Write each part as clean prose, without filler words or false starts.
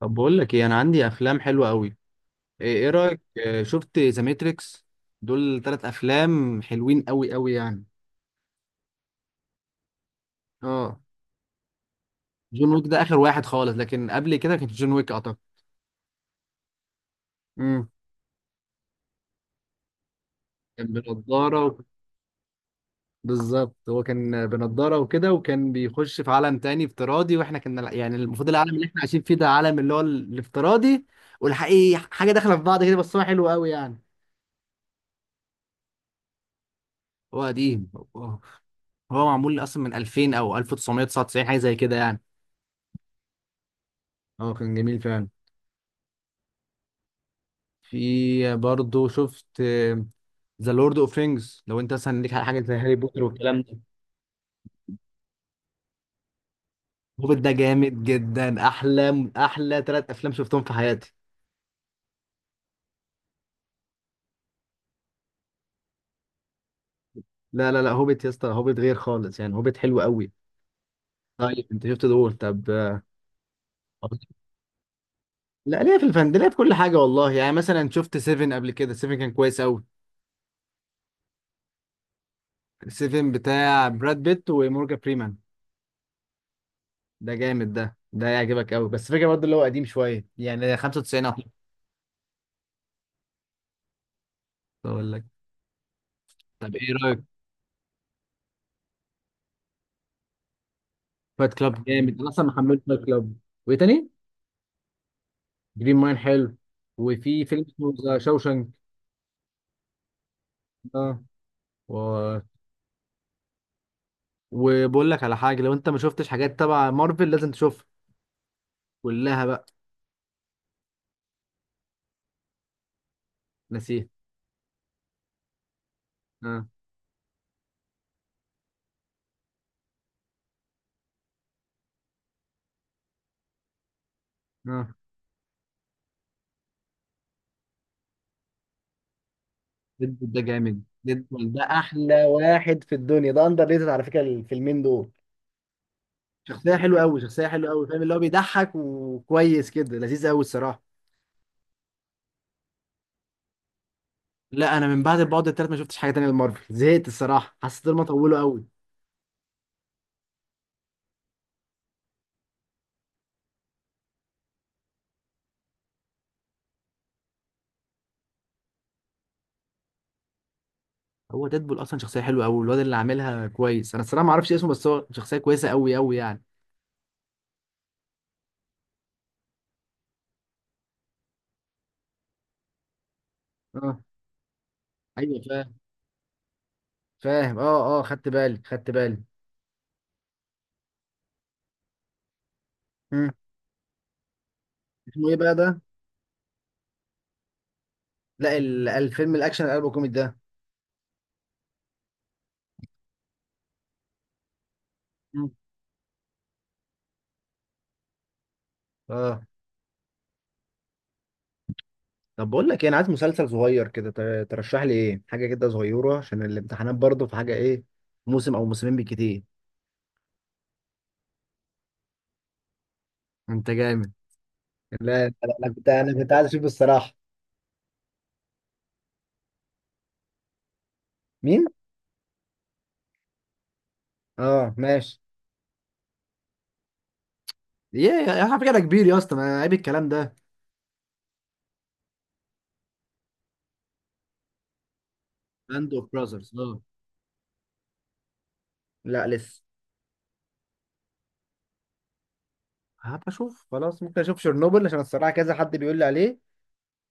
طب بقول لك ايه، انا عندي افلام حلوه قوي. إيه رايك؟ شفت ذا ماتريكس؟ دول ثلاث افلام حلوين قوي قوي يعني. اه. جون ويك ده اخر واحد خالص، لكن قبل كده كان جون ويك اعتقد. امم كان بنضاره. بالظبط، هو كان بنضاره وكده، وكان بيخش في عالم تاني افتراضي، واحنا كنا يعني المفروض العالم اللي احنا عايشين فيه ده عالم اللي هو الافتراضي، والحقيقي، حاجه داخله في بعض كده، بس هو حلو قوي يعني. هو قديم، هو معمول اصلا من 2000 او 1999، حاجه زي كده يعني. اه، كان جميل فعلا. في برضه، شفت ذا لورد اوف رينجز؟ لو انت مثلا ليك على حاجه زي هاري بوتر والكلام ده. هوبيت ده جامد جدا، احلى احلى ثلاث افلام شفتهم في حياتي. لا لا لا، هوبيت يا اسطى، هوبيت غير خالص يعني، هوبيت حلو قوي. طيب انت شفت دول؟ طب لا، ليه؟ في الفن ده، ليه؟ في كل حاجه والله يعني. مثلا شفت سيفن قبل كده؟ سيفن كان كويس قوي. سيفن بتاع براد بيت ومورجان فريمان. ده جامد، ده يعجبك قوي. بس فكره، برضه اللي هو قديم شويه يعني، 95 اهو. اقول لك، طب ايه رايك؟ فايت كلاب جامد، انا اصلا محمله فايت كلاب. وايه تاني؟ جرين ماين حلو. وفي فيلم اسمه ذا شوشنك. اه. و... وبقول لك على حاجه، لو انت ما شفتش حاجات تبع مارفل، لازم تشوفها كلها بقى. نسيت. اه اه. ديدبول ده جامد، ديدبول ده احلى واحد في الدنيا، ده اندر ريتد على فكره الفيلمين دول. شخصيه حلوه قوي، شخصيه حلوه قوي، فاهم اللي هو بيضحك وكويس كده، لذيذ قوي الصراحه. لا، انا من بعد البعد التالت ما شفتش حاجه تانية لمارفل، زهقت الصراحه، حسيت إن هما طولوا قوي. هو ديدبول اصلا شخصيه حلوه قوي، والواد اللي عاملها كويس، انا الصراحه ما اعرفش اسمه، بس هو شخصيه كويسه قوي قوي يعني. اه ايوه فاهم. فاهم، اه اه، خدت بالي خدت بالي. مم. اسمه ايه بقى ده؟ لا، الفيلم الاكشن القلب كوميدي ده. مم. اه. طب بقول لك ايه، انا عايز مسلسل صغير كده، ترشح لي ايه، حاجه كده صغيره عشان الامتحانات برضه، في حاجه ايه؟ موسم او موسمين بالكتير. انت جامد. لا، انا كنت عايز اشوف الصراحه. مين؟ اه ماشي. يا على فكره أنا كبير يا اسطى، ما عيب الكلام ده. باند اوف براذرز. لا لسه. هبقى اشوف خلاص، ممكن اشوف شرنوبل عشان الصراحه كذا حد بيقول لي عليه،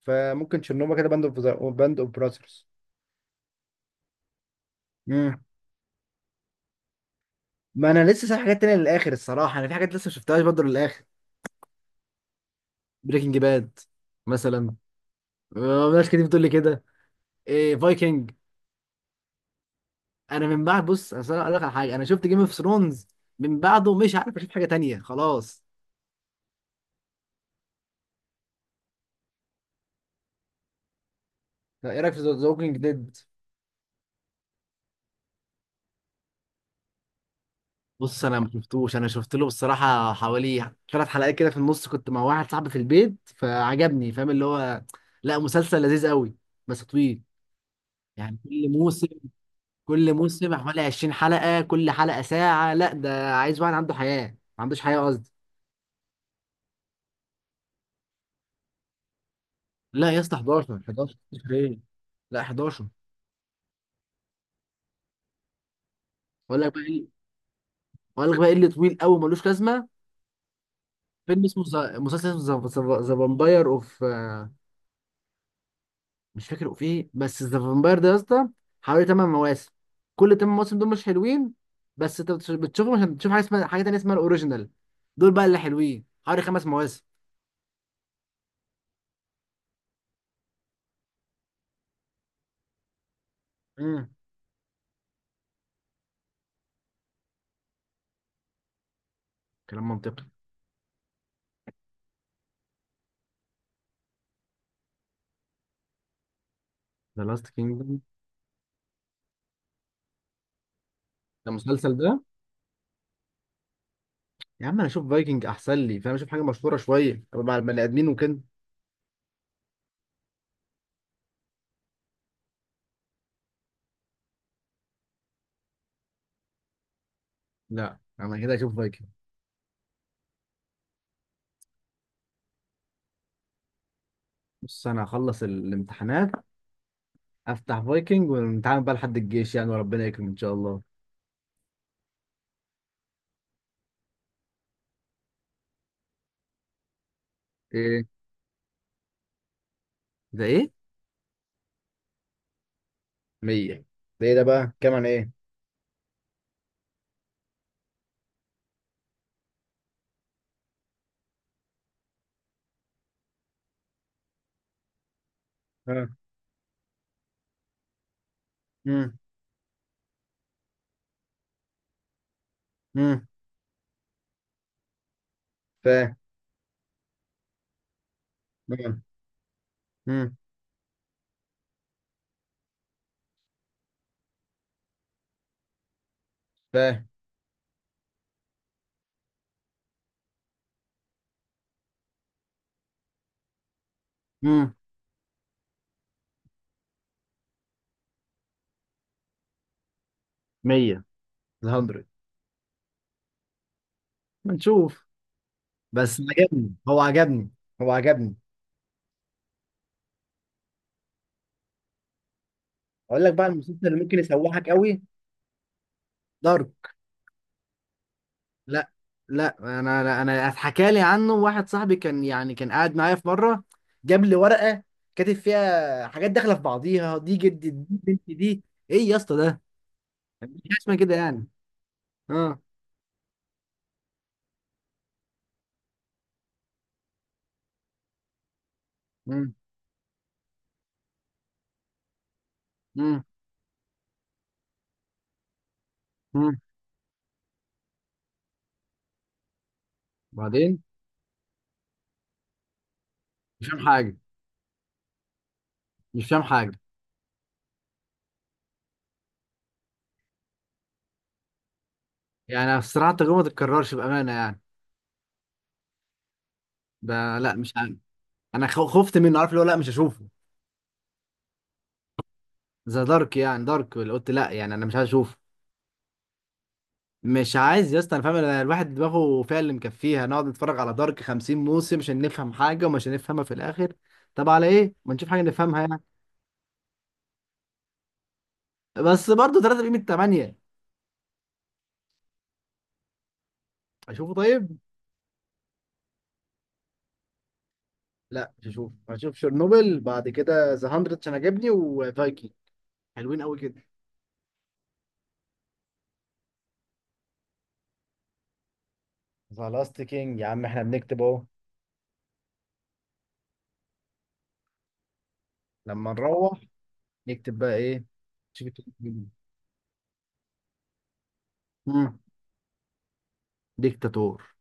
فممكن شرنوبل كده، باند اوف براذرز. امم. ما انا لسه سايب حاجات تانية للاخر الصراحه، انا في حاجات لسه ما شفتهاش برضه للاخر. بريكنج باد مثلا. ناس كتير بتقول لي كده. إيه فايكنج. انا من بعد، بص أصل انا اقول لك على حاجه، انا شفت جيم اوف ثرونز، من بعده مش عارف اشوف حاجه تانية خلاص. لا، ايه رايك في ذا ووكينج ديد؟ بص انا ما شفتوش، انا شفت له بصراحه حوالي ثلاث حلقات كده في النص، كنت مع واحد صاحبي في البيت فعجبني، فاهم اللي هو؟ لا مسلسل لذيذ قوي، بس طويل يعني. كل موسم حوالي 20 حلقه، كل حلقه ساعه، لا ده عايز واحد عنده حياه، ما عندوش حياه قصدي. لا يا اسطى، 11 11 11 ايه، لا 11. اقول لك بقى ايه اقول لك بقى ايه اللي طويل قوي ملوش لازمه. مسلسل اسمه ذا فامباير اوف، مش فاكر في ايه، بس ذا فامباير ده يا اسطى حوالي 8 مواسم، كل 8 مواسم دول مش حلوين، بس انت بتشوفهم عشان تشوف حاجه اسمها، حاجه تانيه اسمها الاوريجينال، دول بقى اللي حلوين، حوالي خمس مواسم. امم. كلام منطقي. ذا لاست كينجدم، ده المسلسل ده. يا عم انا اشوف فايكنج احسن لي، فاهم اشوف حاجه مشهوره شويه، أبقى مع البني ادمين وكده. لا انا كده اشوف فايكنج. بص انا هخلص الامتحانات، افتح فايكنج ونتعامل بقى لحد الجيش يعني، وربنا يكرم ان شاء الله. ايه؟ ده ايه؟ 100؟ ده ايه ده بقى، كام، عن ايه؟ ها. امم فاهم. امم. امم فاهم. امم. 100، ال100، نشوف. بس عجبني، هو عجبني، هو عجبني. اقول لك بقى المسلسل اللي ممكن يسوحك قوي. دارك. لا. لا انا انا أنا اتحكى لي عنه واحد صاحبي، كان يعني كان قاعد معايا في مره، جاب لي ورقه كاتب فيها حاجات داخله في بعضيها، دي جدي دي بنتي دي، ايه يا اسطى ده؟ مفيش حاجه اسمها كده يعني. اه. امم امم امم. بعدين. مش فاهم حاجه. مش فاهم حاجه. يعني بصراحه التجربه ما تتكررش بامانه يعني. ده لا مش عارف. انا خفت منه، عارف اللي هو، لا مش هشوفه. ذا دارك يعني، دارك اللي قلت لا، يعني انا مش عايز اشوفه. مش عايز يا اسطى، انا فاهم. أنا الواحد دماغه فيها اللي مكفيها، نقعد نتفرج على دارك 50 موسم عشان نفهم حاجه ومش هنفهمها في الاخر. طب على ايه؟ ما نشوف حاجه نفهمها يعني. بس برضه 3 بقيمه 8. اشوفه طيب. لا مش هشوفه، هشوف شيرنوبل، بعد كده ذا 100 عشان عجبني، وفايكنج. حلوين قوي كده. ذا لاست كينج يا عم، احنا بنكتب اهو، لما نروح نكتب بقى ايه. نشوف التلاتة دول. مم. ديكتاتور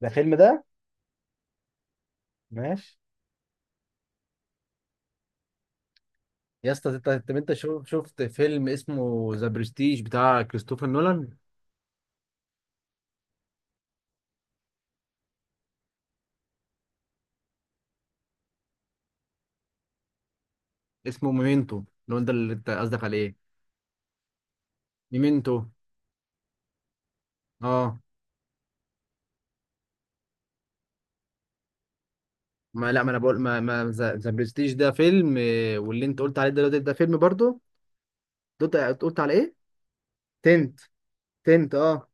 ده فيلم ده؟ ماشي. يا اسطى، انت شفت فيلم اسمه ذا برستيج بتاع كريستوفر نولان؟ اسمه ميمنتو لو انت اللي انت قصدك عليه. ميمنتو. اه. ما لا ما انا بقول ما ما ذا برستيج ده فيلم، واللي انت قلت عليه دلوقتي ده فيلم برضه. قلت على ايه؟ تنت. تنت اه.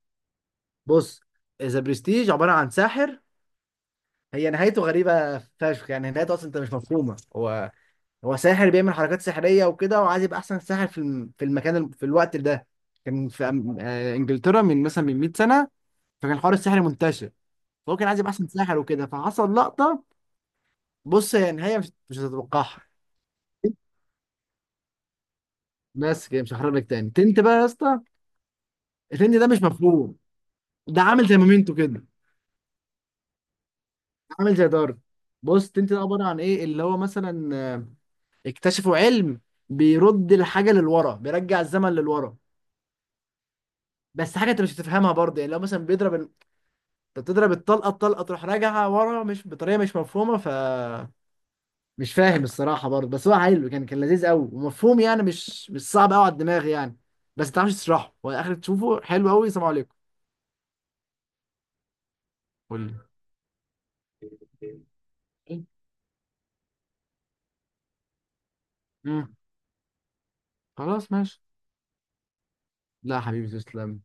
بص. ذا برستيج عباره عن ساحر، هي نهايته غريبه فشخ يعني، نهايته اصلا انت مش مفهومه. هو هو ساحر بيعمل حركات سحريه وكده، وعايز يبقى احسن ساحر في في المكان، في الوقت ده. كان في انجلترا، من مثلا من 100 سنه، فكان حوار السحر منتشر، فهو كان عايز يبقى احسن ساحر وكده، فحصل لقطه. بص هي نهايه مش هتتوقعها، بس كده مش هحرق لك. تاني، تنت بقى يا اسطى. التنت ده مش مفهوم، ده عامل زي مومنتو كده، عامل زي دارك. بص تنت ده عباره عن ايه، اللي هو مثلا اكتشفوا علم بيرد الحاجه للورا، بيرجع الزمن للورا. بس حاجه انت مش هتفهمها برضه يعني. لو مثلا بيضرب، انت بتضرب الطلقه، الطلقه تروح راجعه ورا، مش بطريقه مش مفهومه ف، مش فاهم الصراحه برضه، بس هو حلو، كان لذيذ قوي، ومفهوم يعني، مش صعب قوي على الدماغ يعني. بس ما تعرفش تشرحه، هو اخر تشوفه حلو قوي. سلام عليكم. قول لي. امم. خلاص ماشي. لا حبيبي تسلم.